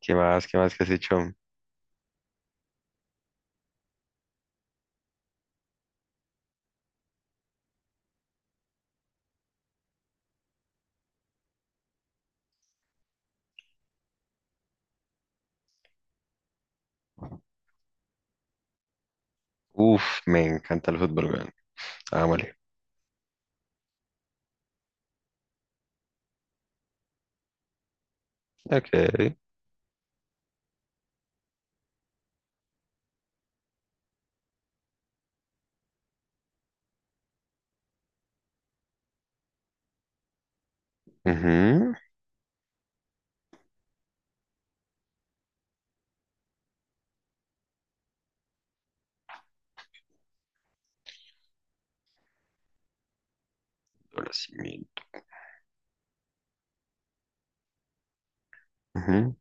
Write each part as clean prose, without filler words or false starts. ¿Qué más? ¿Qué más que has hecho? Uf, me encanta el fútbol, weón. Ah, vale. Ok. Ujú. Conocimiento. Ujú.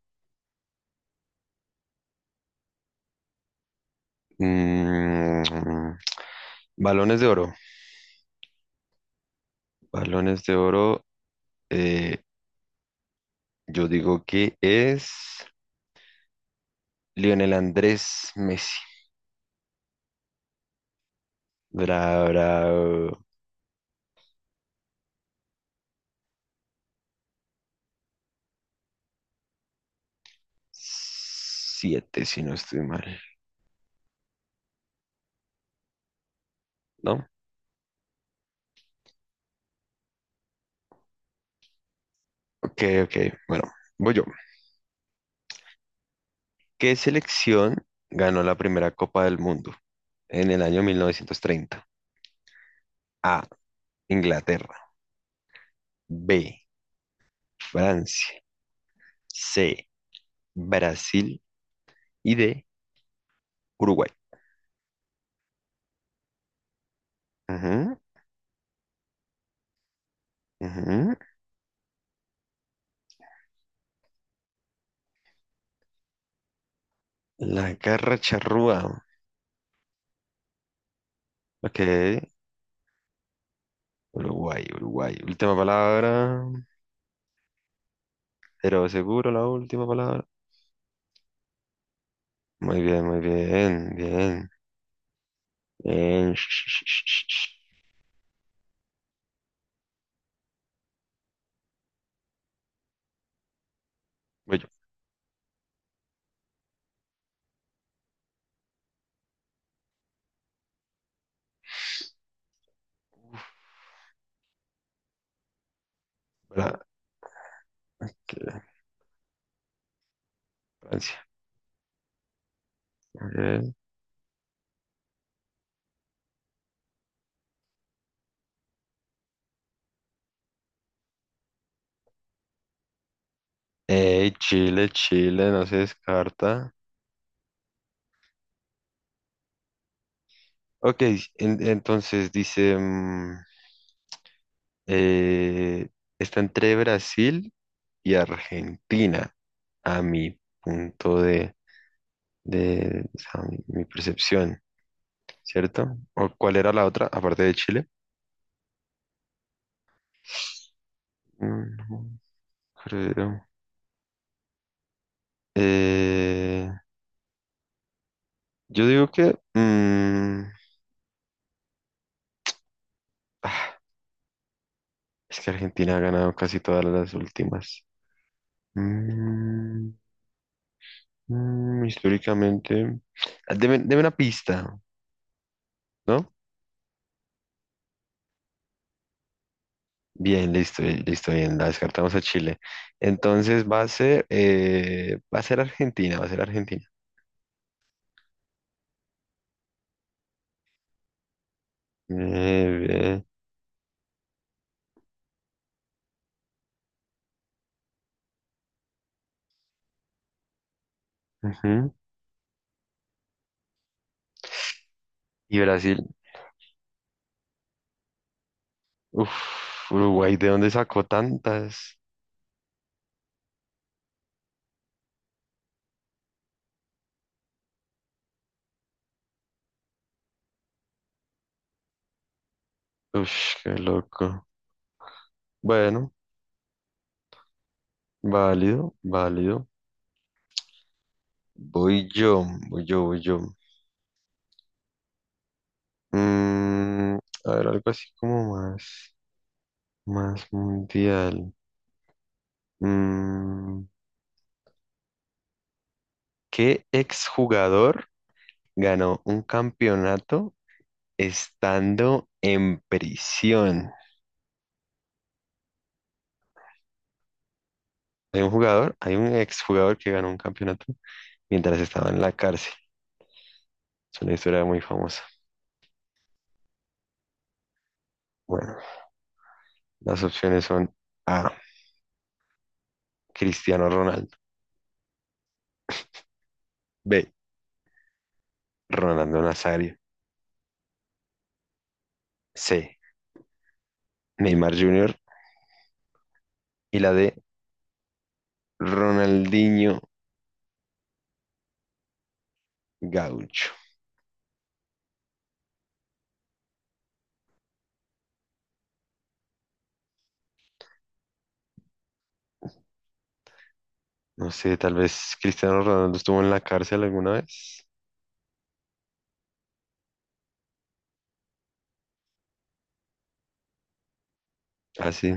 Mm, balones de oro. Balones de oro. eh, yo digo que es Lionel Andrés Messi. Habrá siete, si no estoy mal. ¿No? Ok, ok. Bueno, voy yo. ¿Qué selección ganó la primera Copa del Mundo en el año 1930? A. Inglaterra. B, Francia, C, Brasil y D, Uruguay. Ujú, ujú. La garra charrúa. Ok, Uruguay, Uruguay. Última palabra, pero seguro la última palabra. Muy bien, bien, bien. Sh- sh- sh- sh- sh. Voy yo. Uf, para- que- Francia. Ok. Chile, Chile, no se descarta. Ok, entonces dice, eh, está entre Brasil y Argentina, a mi punto de, o sea, mi percepción, ¿cierto? ¿O cuál era la otra, aparte de Chile? Mm, creo. Eh, yo digo que ah, es que Argentina ha ganado casi todas las últimas. Mm, Históricamente, deme una pista, ¿no? Bien, listo, listo, bien, la descartamos a Chile. Entonces va a ser Argentina, va a ser Argentina. Bien, ujú. Y Brasil, uf, Uruguay, ¿de dónde sacó tantas? Uf, qué loco. Bueno, válido, válido. Voy yo, voy yo, voy yo. Mm, a ver, algo así como más, más mundial. Mm, ¿Qué exjugador ganó un campeonato? Estando en prisión. Hay un exjugador que ganó un campeonato mientras estaba en la cárcel. Es una historia muy famosa. Bueno, las opciones son A, Cristiano Ronaldo, B, Ronaldo Nazario, C, Neymar Jr. y la D, Ronaldinho Gaucho. No sé, tal vez Cristiano Ronaldo estuvo en la cárcel alguna vez. Así.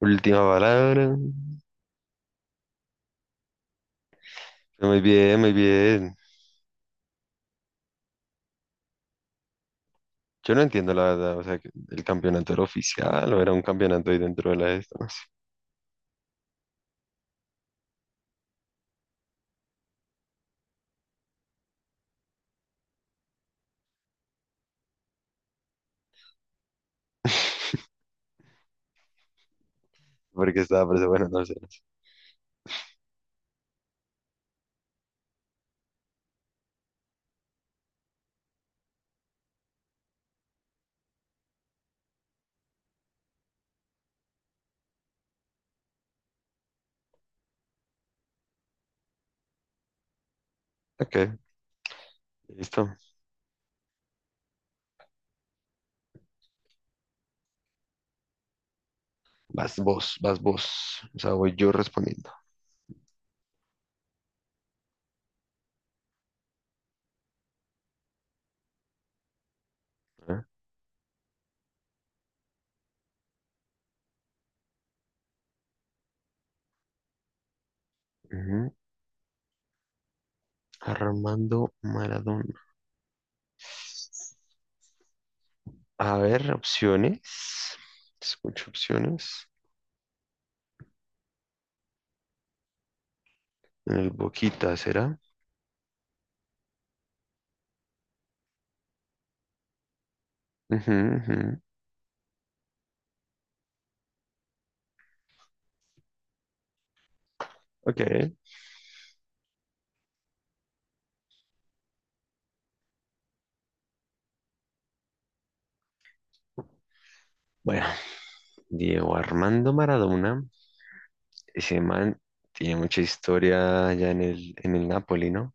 Última palabra. Muy bien, muy bien. Yo no entiendo la verdad, o sea, que el campeonato era oficial o era un campeonato ahí dentro de la esta, no sé. Porque estaba preso, bueno, no sé. No sé. Ok, listo. Vas vos, vas vos. O sea, voy yo respondiendo. ¿Eh? Ujú. Armando Maradona. A ver, opciones. Escucho opciones. En el Boquita, ¿será? Ujú, ujú. Ok. Bueno, Diego Armando Maradona, ese man tiene mucha historia allá en el Napoli, ¿no?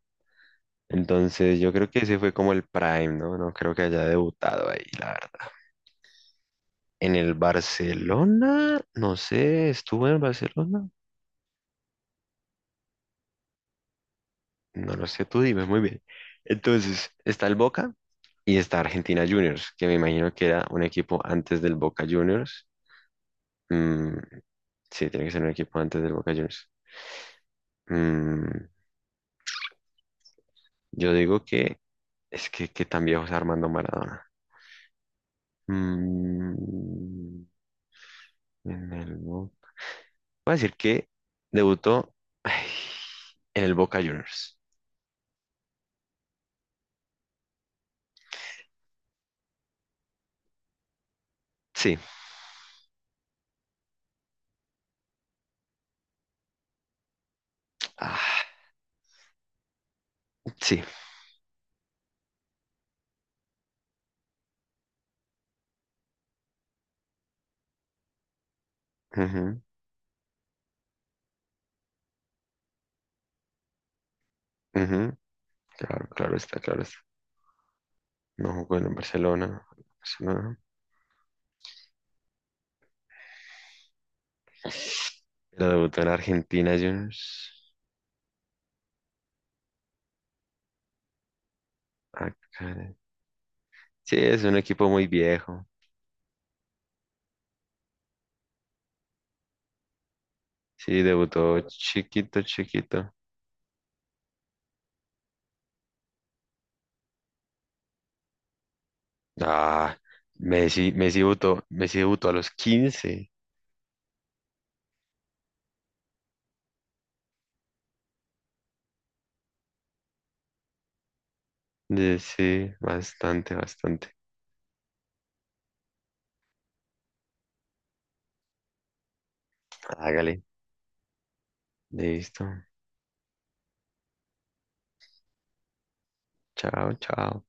Entonces yo creo que ese fue como el prime, ¿no? No creo que haya debutado ahí, la verdad. En el Barcelona, no sé, ¿estuvo en el Barcelona? No lo sé, tú dime, muy bien. Entonces, está el Boca y está Argentina Juniors, que me imagino que era un equipo antes del Boca Juniors. Mm, sí, tiene que ser un equipo antes del Boca Juniors. Mm, yo digo que es que tan viejo es Armando Maradona. Mm, en el Boca. Voy a decir que debutó ay, en el Boca Juniors. Sí, ah, sí. Ujú, ujú, claro, claro está, claro está. No jugó en el Barcelona, Barcelona, pero debutó en Argentina Juniors. Ah, caray. Sí, es un equipo muy viejo. Sí, debutó chiquito, chiquito. Ah, Messi debutó a los 15. Sí, sí, bastante, bastante. Hágale, listo. Chao, chao.